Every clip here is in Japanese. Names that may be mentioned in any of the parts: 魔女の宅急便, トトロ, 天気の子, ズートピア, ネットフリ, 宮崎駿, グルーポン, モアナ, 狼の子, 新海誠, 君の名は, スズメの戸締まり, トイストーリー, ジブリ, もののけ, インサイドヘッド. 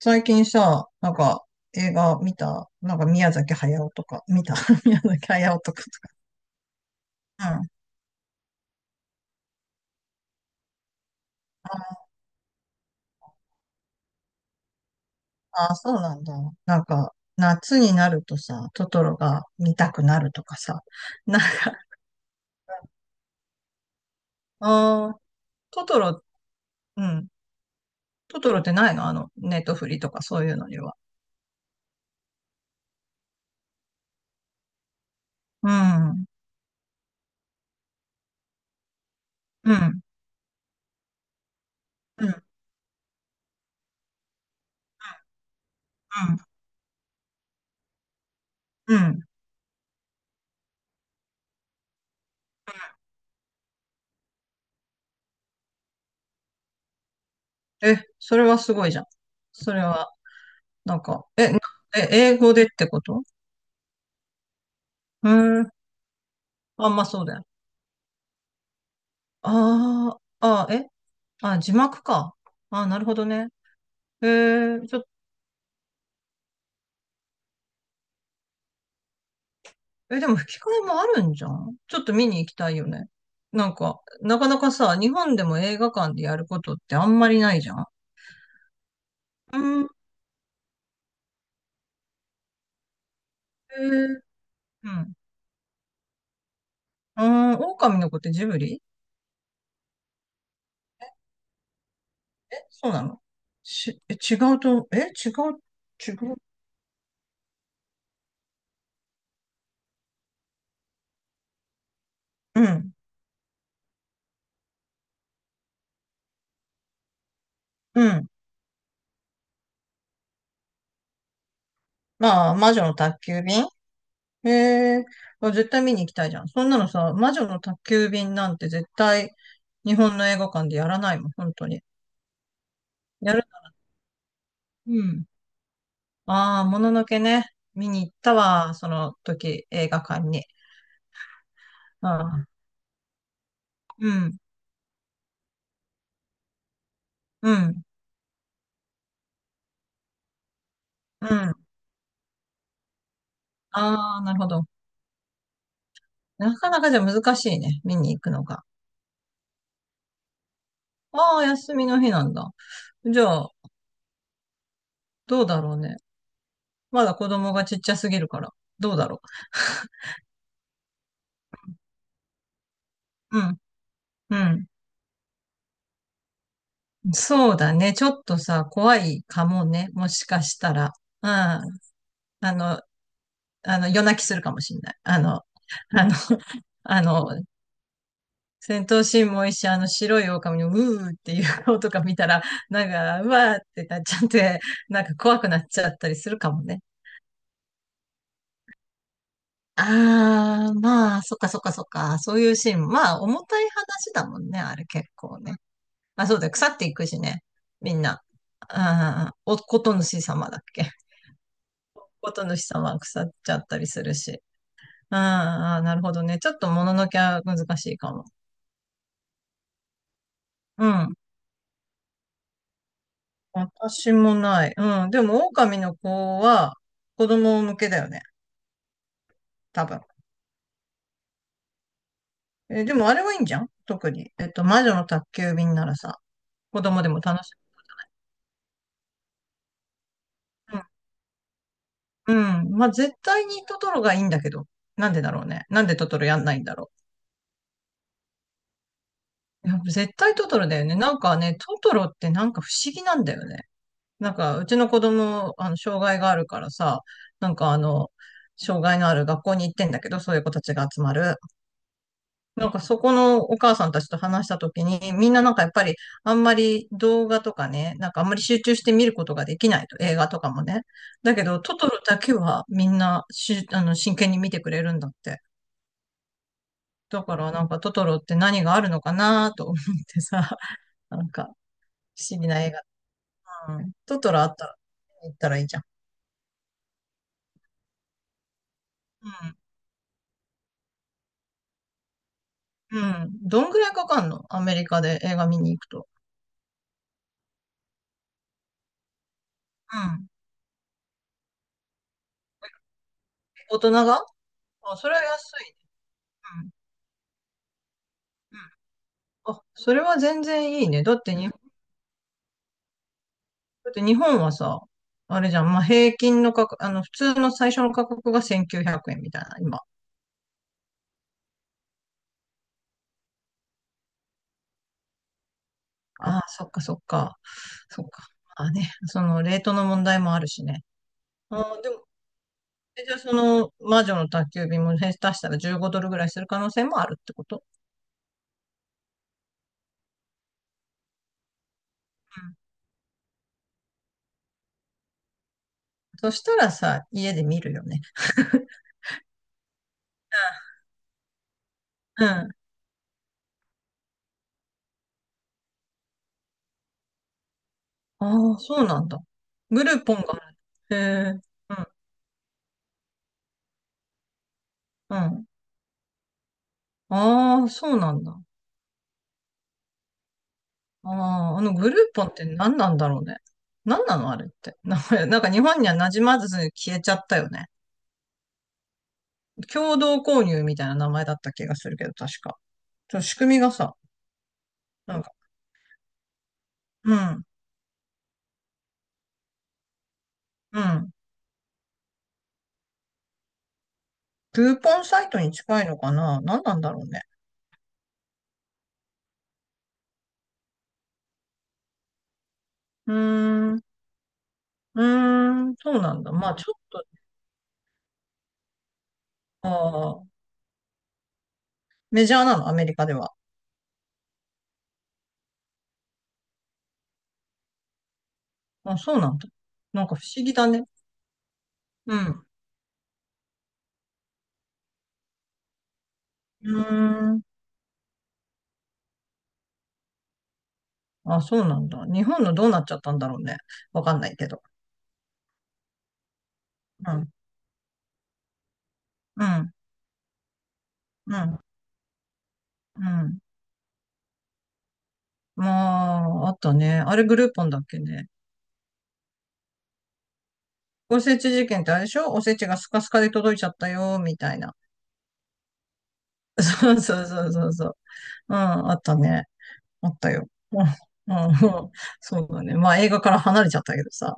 最近さ、なんか映画見た。なんか宮崎駿とか、見た。 宮崎駿とか。うん。ああ、そうなんだ。なんか、夏になるとさ、トトロが見たくなるとかさ。なんか、ああ、トトロ、うん。トトロってないの、あの、ネットフリとかそういうのには。うん。うん。うん。うん。うん。うん。え、それはすごいじゃん。それは、なんか、え、なえ、英語でってこと？うん。あ、まあそうだよ。ああ、ああ、え、あ、字幕か。ああ、なるほどね。えー、ちょ、え、でも吹き替えもあるんじゃん。ちょっと見に行きたいよね。なんか、なかなかさ、日本でも映画館でやることってあんまりないじゃん。うん、えー、うん。ああ、狼の子ってジブリ？え、そうなの？し、え、違うと、え、違う、違う。うん、うん。まあ、魔女の宅急便。えー、あ、絶対見に行きたいじゃん。そんなのさ、魔女の宅急便なんて絶対、日本の映画館でやらないもん、本当に。やる。うん。ああ、もののけね。見に行ったわ、その時、映画館に。うん。うん。うん。うん。ああ、なるほど。なかなかじゃ難しいね、見に行くのが。ああ、休みの日なんだ。じゃあ、どうだろうね。まだ子供がちっちゃすぎるから、どうだろう。うん。うん。そうだね。ちょっとさ、怖いかもね。もしかしたら。うん。あの、あの、夜泣きするかもしれない。あの、あの、戦闘シーンもいいし、あの白い狼のうーっていう顔とか見たら、なんか、うわーってなっちゃって、なんか怖くなっちゃったりするかもね。ああ、まあ、そっかそっかそっか。そういうシーン。まあ、重たい話だもんね、あれ結構ね。あ、そうだよ、腐っていくしね。みんな。ああ、お、こと主様だっけ。こと主様は腐っちゃったりするし。あーあー、なるほどね。ちょっともののけは難しいかも。うん。私もない。うん。でも、狼の子は子供向けだよね。多分。え、でもあれはいいんじゃん、特に。えっと、魔女の宅急便ならさ、子供でも楽しい。うん。うん。まあ、絶対にトトロがいいんだけど。なんでだろうね。なんでトトロやんないんだろう。やっぱ絶対トトロだよね。なんかね、トトロってなんか不思議なんだよね。なんか、うちの子供、あの、障害があるからさ、なんか、あの、障害のある学校に行ってんだけど、そういう子たちが集まる。なんかそこのお母さんたちと話したときに、みんななんかやっぱりあんまり動画とかね、なんかあんまり集中して見ることができないと、映画とかもね。だけど、トトロだけはみんなあの、真剣に見てくれるんだって。だからなんかトトロって何があるのかなと思ってさ、なんか不思議な映画。うん。トトロあったら、行ったらいいじゃん。うん。うん。どんぐらいかかんの、アメリカで映画見に行くと。うん。大人が。あ、それは安いね。うん。あ、それは全然いいね。だって日本はさ、あれじゃん、まあ、平均の価格、あの、普通の最初の価格が1900円みたいな、今。ああ、そっかそっか。そっか。まあね、その、レートの問題もあるしね。ああ、でも、え、じゃあその、魔女の宅急便も下手したら15ドルぐらいする可能性もあるってこと？うん。そしたらさ、家で見るよね。うん。ああ、そうなんだ。グルーポンがある。へえ。うん。うん。ああ、そうなんだ。ああ、あのグルーポンって何なんだろうね。何なのあれって。名前、なんか日本には馴染まず消えちゃったよね。共同購入みたいな名前だった気がするけど、確か。ちょっと仕組みがさ、なんか、うん、うん。クーポンサイトに近いのかな、何なんだろうね。うーん、うーん、そうなんだ。まあちょっと、ああ、メジャーなの、アメリカでは。あ、そうなんだ。なんか不思議だね。うん。うーん。あ、そうなんだ。日本のどうなっちゃったんだろうね。わかんないけど。うん。うん、うん、うん。まあ、あったね。あれグルーポンだっけね。おせち事件ってあれでしょ、おせちがスカスカで届いちゃったよ、みたいな。そうそうそうそうそう。うん、あったね。あったよ。うん、うん、そうだね。まあ映画から離れちゃったけどさ。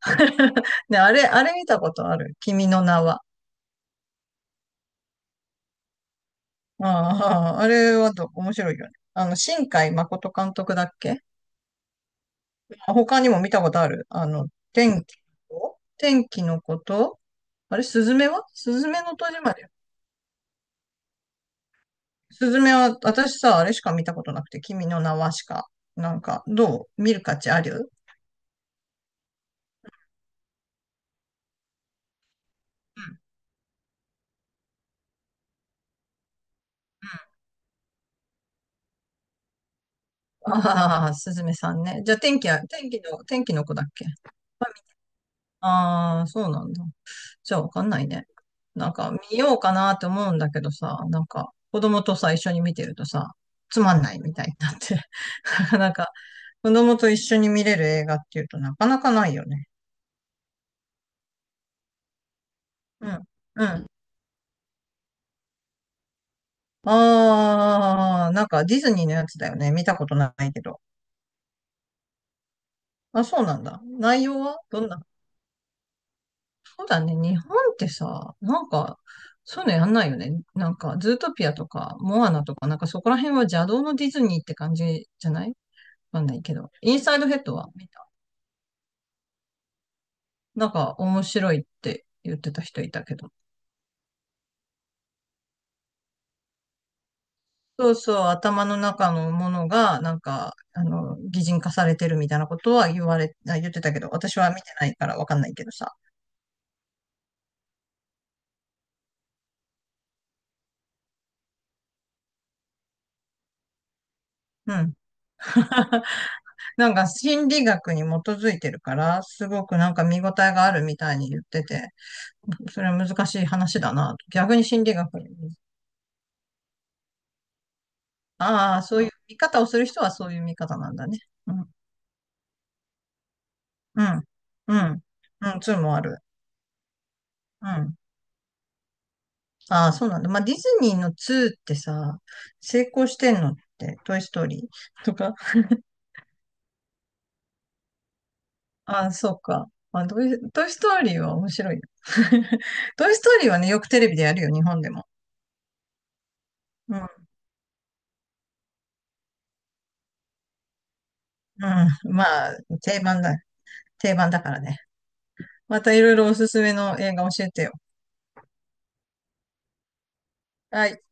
ね、あれ、あれ見たことある？君の名は。うん、あれはど、面白いよね。あの、新海誠監督だっけ？あ、他にも見たことある、あの、天気天気のこと、あれ、スズメの戸締まり。スズメは、私さ、あれしか見たことなくて、君の名はしか。なんか、どう見る価値ある？うん。うん。ああー、すずめさんね。じゃあ、天気は、天気の、天気の子だっけ？ああー、そうなんだ。じゃあ、わかんないね。なんか、見ようかなって思うんだけどさ、なんか、子供とさ、一緒に見てるとさ、つまんないみたいになって、なかなか子供と一緒に見れる映画っていうとなかなかないよね。うん。うん。ああ、なんかディズニーのやつだよね。見たことないけど。あ、そうなんだ。内容はどんな？そうだね。日本ってさ、なんか、そういうのやんないよね。なんか、ズートピアとか、モアナとか、なんかそこら辺は邪道のディズニーって感じじゃない？わかんないけど。インサイドヘッドは見た。なんか面白いって言ってた人いたけど。そうそう、頭の中のものが、なんか、あの、擬人化されてるみたいなことは言われ、あ言ってたけど、私は見てないからわかんないけどさ。うん。なんか心理学に基づいてるから、すごくなんか見応えがあるみたいに言ってて、それは難しい話だな、逆に心理学に。ああ、そういう見方をする人はそういう見方なんだね。うん。うん。うん。うん。そうもある。うん。ああ、そうなんだ。まあ、ディズニーの2ってさ、成功してんのって、トイストーリーとか。ああ、そうか。まあ、トイストーリーは面白いよ。トイストーリーはね、よくテレビでやるよ、日本でも。うん、うん。まあ、定番だ。定番だからね。またいろいろおすすめの映画教えてよ。はい。